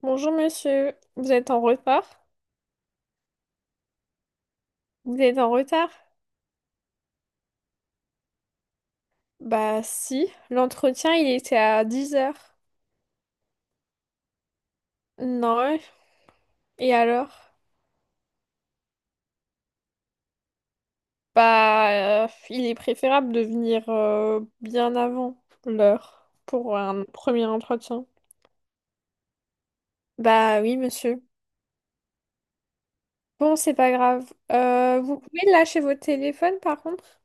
Bonjour monsieur, vous êtes en retard? Vous êtes en retard? Bah si, l'entretien il était à 10 heures. Non, et alors? Bah, il est préférable de venir bien avant l'heure pour un premier entretien. Bah oui monsieur. Bon c'est pas grave. Vous pouvez lâcher votre téléphone par contre?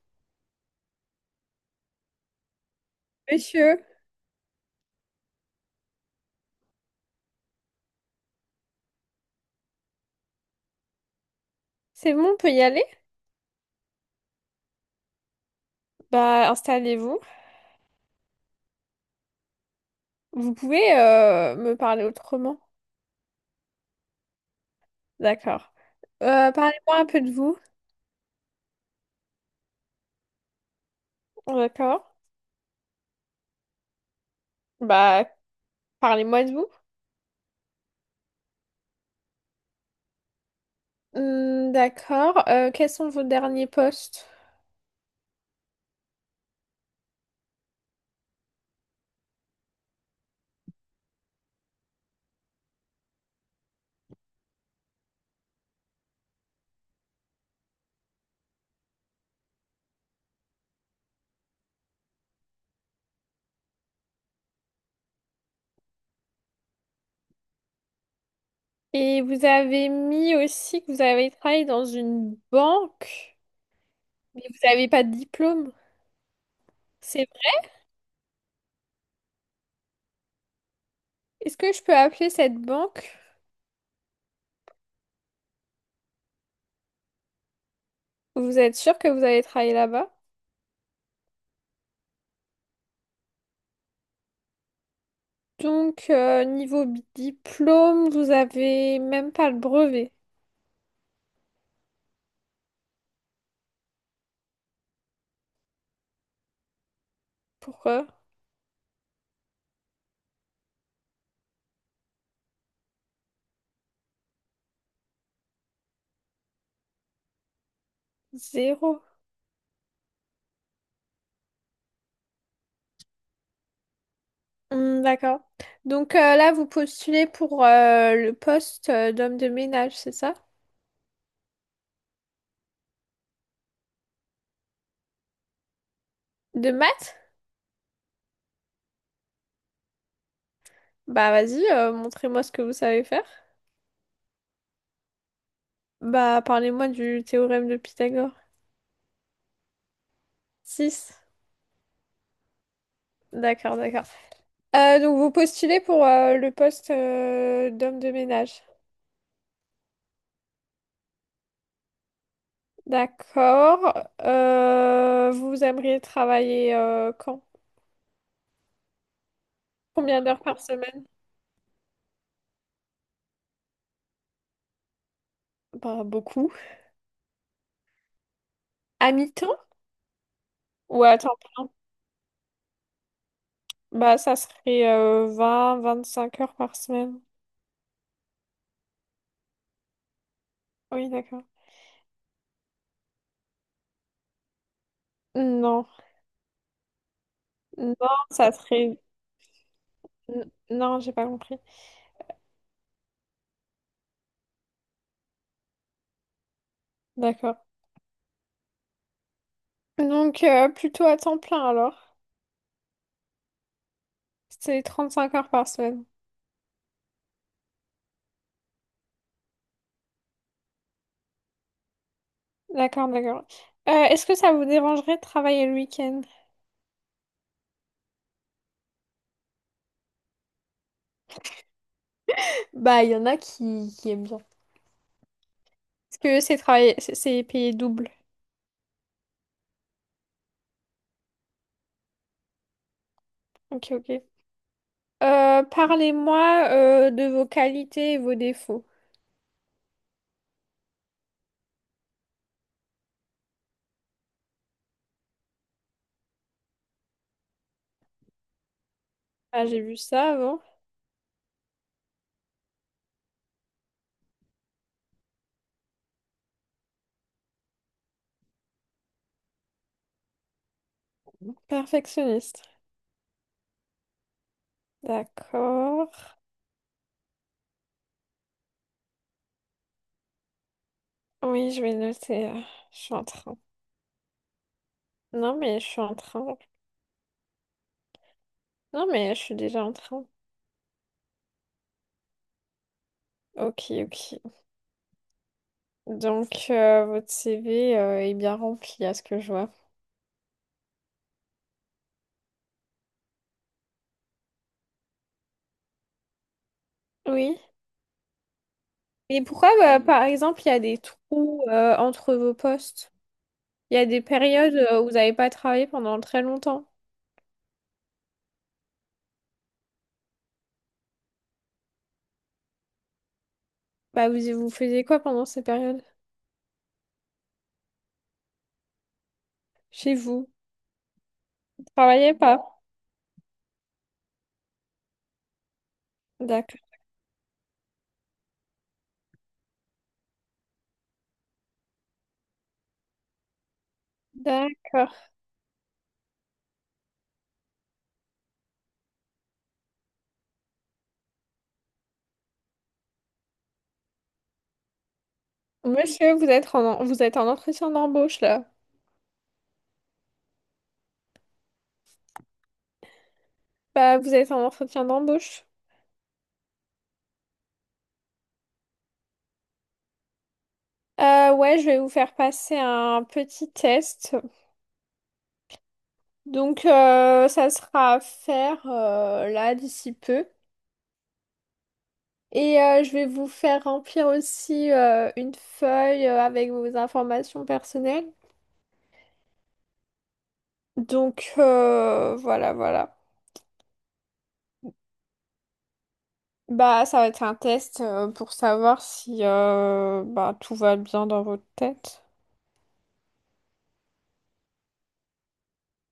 Monsieur, c'est bon, on peut y aller? Bah installez-vous. Vous pouvez me parler autrement. D'accord. Parlez-moi un peu de vous. D'accord. Bah, parlez-moi de vous. Hmm, d'accord. Quels sont vos derniers postes? Et vous avez mis aussi que vous avez travaillé dans une banque, mais vous n'avez pas de diplôme. C'est vrai. Est-ce que je peux appeler cette banque? Vous êtes sûr que vous avez travaillé là-bas? Donc, niveau diplôme, vous avez même pas le brevet. Pourquoi? Zéro. Hmm, d'accord. Donc, là, vous postulez pour le poste d'homme de ménage, c'est ça? De maths? Bah vas-y, montrez-moi ce que vous savez faire. Bah parlez-moi du théorème de Pythagore. Six. D'accord, d'accord. Donc vous postulez pour le poste d'homme de ménage. D'accord. Vous aimeriez travailler quand? Combien d'heures par semaine? Bah beaucoup. À mi-temps ou à temps plein? Bah ça serait 25 heures par semaine. Oui, d'accord. Non, non, ça serait... Non, j'ai pas compris. D'accord. Donc, plutôt à temps plein alors. C'est 35 heures par semaine. D'accord, d'accord. Est-ce que ça vous dérangerait de travailler le week-end? Bah, il y en a qui aiment bien. Ce que c'est travailler, c'est payé double. Ok, ok. Parlez-moi de vos qualités et vos défauts. Ah, j'ai vu ça avant. Perfectionniste. D'accord. Oui, je vais noter là. Je suis en train. Non, mais je suis en train. Non, mais je suis déjà en train. Ok, ok. Donc, votre CV est bien rempli à ce que je vois. Oui. Mais pourquoi, bah, par exemple, il y a des trous entre vos postes? Il y a des périodes où vous n'avez pas travaillé pendant très longtemps. Bah, vous faisiez quoi pendant ces périodes? Chez vous? Vous travaillez pas? D'accord. D'accord. Monsieur, vous êtes en entretien d'embauche, là. Bah, vous êtes en entretien d'embauche. Ouais, je vais vous faire passer un petit test. Donc, ça sera à faire là d'ici peu. Et je vais vous faire remplir aussi une feuille avec vos informations personnelles. Donc, voilà, voilà. Bah, ça va être un test pour savoir si bah, tout va bien dans votre tête.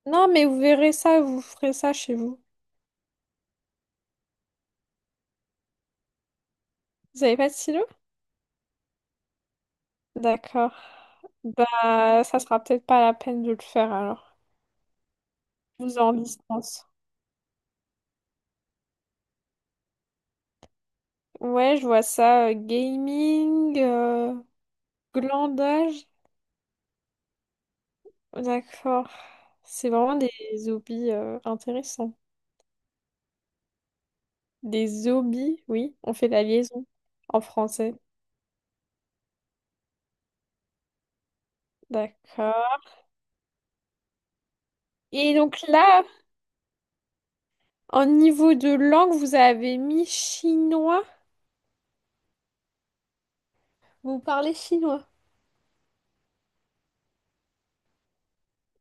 Non, mais vous verrez ça, vous ferez ça chez vous. Vous avez pas de stylo? D'accord. Bah, ça sera peut-être pas la peine de le faire alors. Vous en distance. Ouais, je vois ça. Gaming, glandage. D'accord. C'est vraiment des hobbies intéressants. Des hobbies, oui, on fait la liaison en français. D'accord. Et donc là, en niveau de langue, vous avez mis chinois. Vous parlez chinois.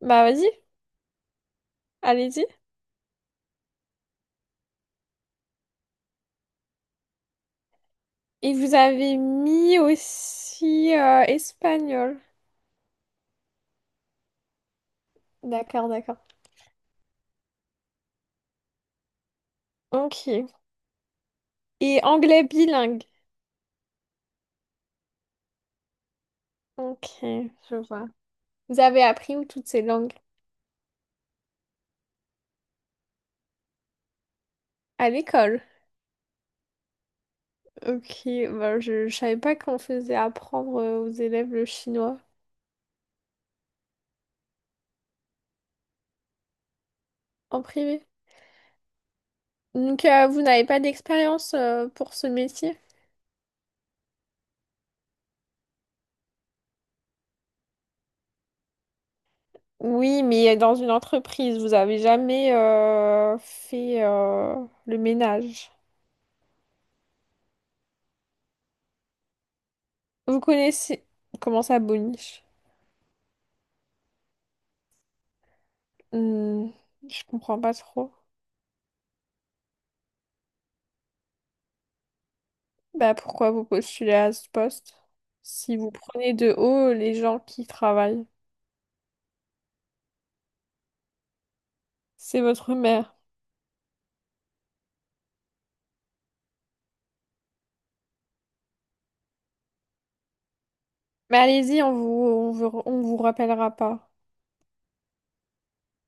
Bah vas-y, allez-y. Et vous avez mis aussi espagnol. D'accord, d'accord. Ok. Et anglais bilingue. Ok, je vois. Vous avez appris où toutes ces langues? À l'école. Ok, bah, je savais pas qu'on faisait apprendre aux élèves le chinois en privé. Donc, vous n'avez pas d'expérience pour ce métier? Oui, mais dans une entreprise, vous avez jamais fait le ménage. Vous connaissez comment ça boniche? Hmm, je comprends pas trop. Bah, pourquoi vous postulez à ce poste? Si vous prenez de haut les gens qui travaillent, c'est votre mère. Mais allez-y, on vous rappellera pas.